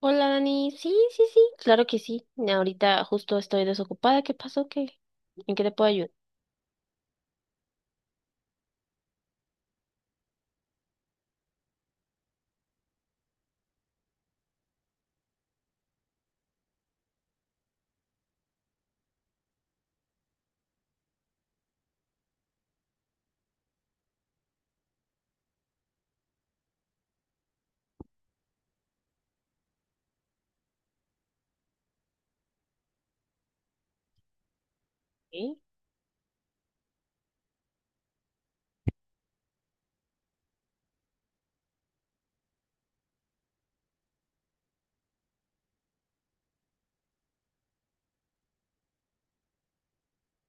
Hola Dani, sí, sí, sí, claro que sí. Ahorita justo estoy desocupada. ¿Qué pasó? ¿Qué? ¿En qué te puedo ayudar? ¿Eh?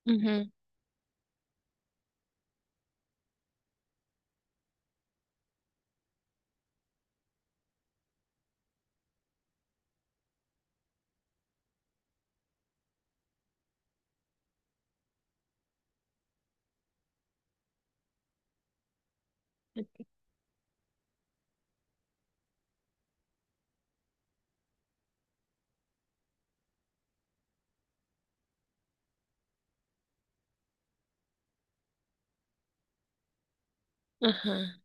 Ujú. Ajá.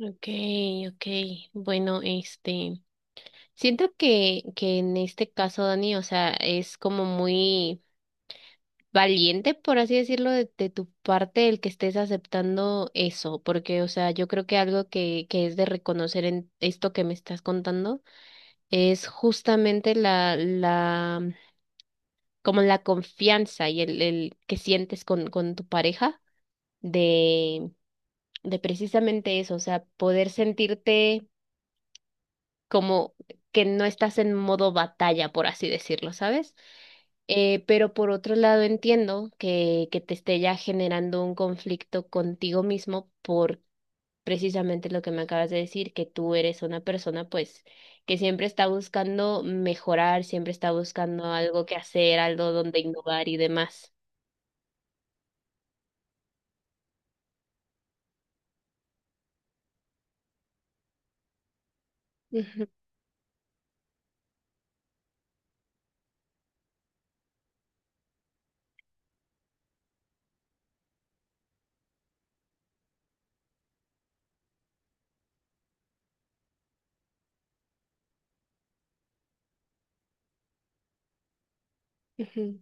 Okay, okay. Bueno, siento que en este caso, Dani, o sea, es como muy valiente, por así decirlo, de tu parte el que estés aceptando eso, porque, o sea, yo creo que algo que es de reconocer en esto que me estás contando es justamente la como la confianza y el que sientes con tu pareja de, de precisamente eso, o sea, poder sentirte como que no estás en modo batalla, por así decirlo, ¿sabes? Pero por otro lado entiendo que te esté ya generando un conflicto contigo mismo por precisamente lo que me acabas de decir, que tú eres una persona pues que siempre está buscando mejorar, siempre está buscando algo que hacer, algo donde innovar y demás. Ujú.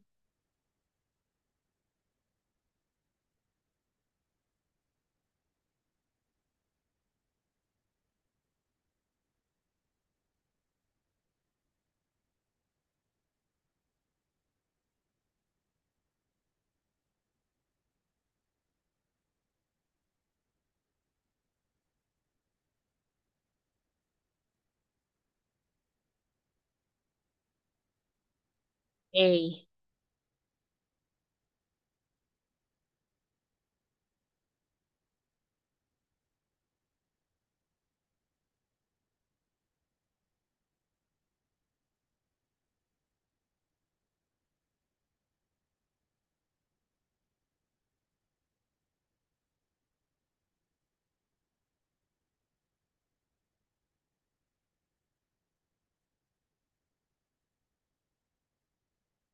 Ey.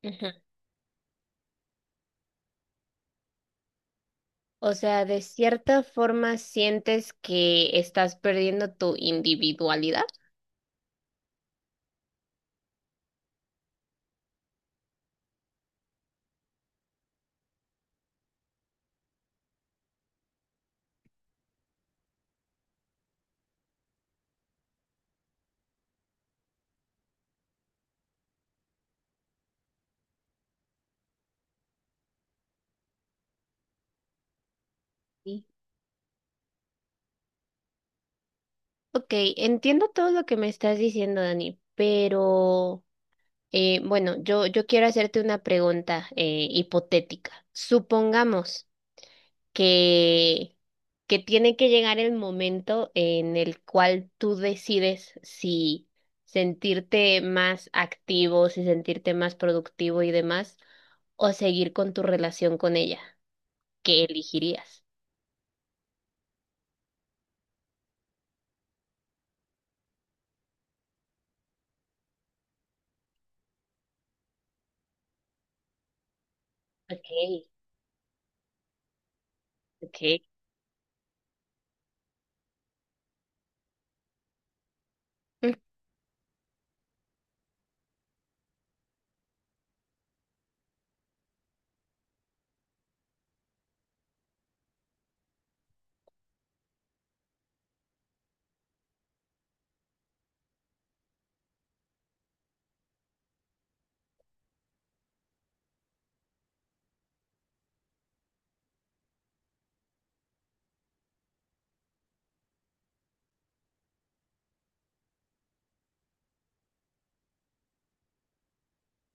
Ajá. O sea, de cierta forma sientes que estás perdiendo tu individualidad. Sí. Ok, entiendo todo lo que me estás diciendo, Dani, pero bueno, yo quiero hacerte una pregunta hipotética. Supongamos que, que tiene que llegar el momento en el cual tú decides si sentirte más activo, si sentirte más productivo y demás, o seguir con tu relación con ella. ¿Qué elegirías? Okay, okay. Mm.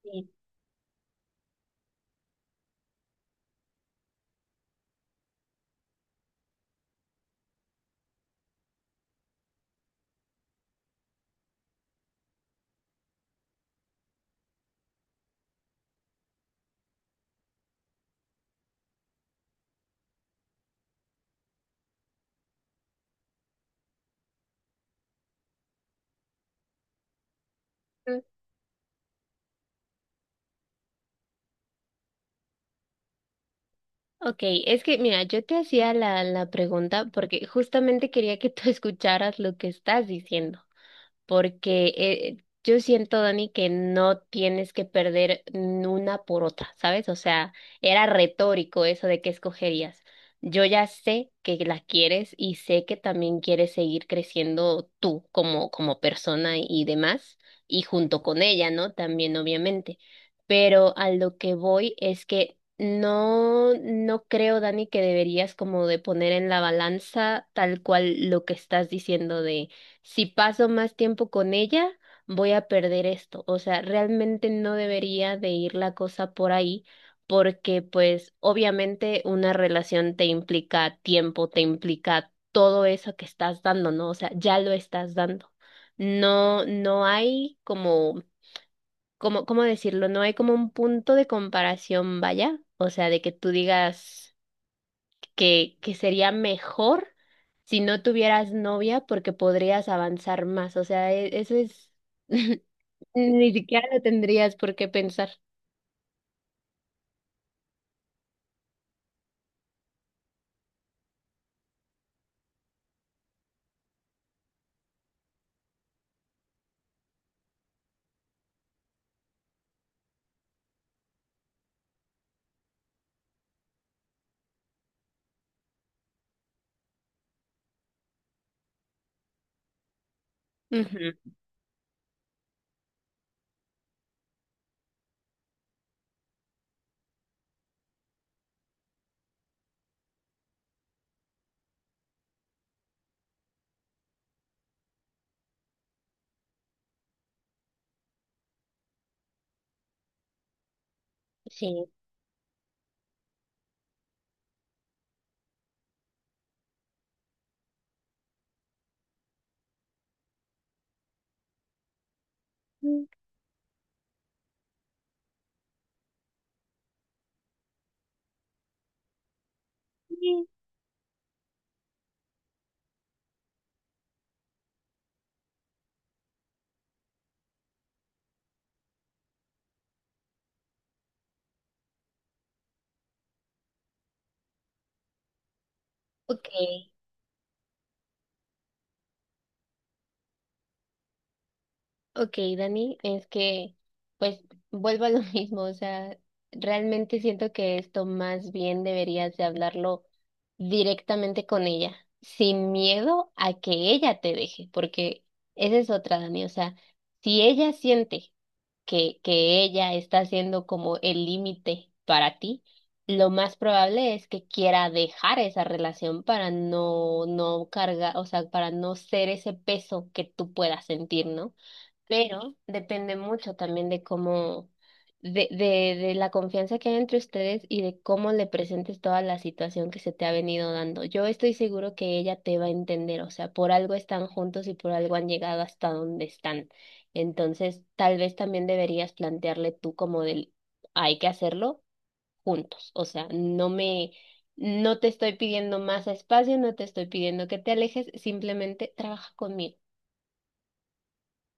Sí. Mm. Ok, es que mira, yo te hacía la pregunta porque justamente quería que tú escucharas lo que estás diciendo, porque yo siento, Dani, que no tienes que perder n- una por otra, ¿sabes? O sea, era retórico eso de qué escogerías. Yo ya sé que la quieres y sé que también quieres seguir creciendo tú como persona y demás, y junto con ella, ¿no? También, obviamente. Pero a lo que voy es que no, no creo, Dani, que deberías como de poner en la balanza tal cual lo que estás diciendo, si paso más tiempo con ella, voy a perder esto. O sea, realmente no debería de ir la cosa por ahí, porque pues obviamente una relación te implica tiempo, te implica todo eso que estás dando, ¿no? O sea, ya lo estás dando. No no hay como, como, ¿cómo decirlo? No hay como un punto de comparación, vaya. O sea, de que tú digas que sería mejor si no tuvieras novia porque podrías avanzar más. O sea, e- eso es, ni siquiera lo tendrías por qué pensar. Ujú. Sí. Mm, sí. Ok, ok, Dani, es que pues vuelvo a lo mismo, o sea, realmente siento que esto más bien deberías de hablarlo directamente con ella, sin miedo a que ella te deje, porque esa es otra, Dani, o sea, si ella siente que ella está siendo como el límite para ti, lo más probable es que quiera dejar esa relación para no, no cargar, o sea, para no ser ese peso que tú puedas sentir, ¿no? Pero depende mucho también de cómo, de la confianza que hay entre ustedes y de cómo le presentes toda la situación que se te ha venido dando. Yo estoy seguro que ella te va a entender, o sea, por algo están juntos y por algo han llegado hasta donde están. Entonces, tal vez también deberías plantearle tú como del, hay que hacerlo juntos, o sea, no me... No te estoy pidiendo más espacio, no te estoy pidiendo que te alejes, simplemente trabaja conmigo.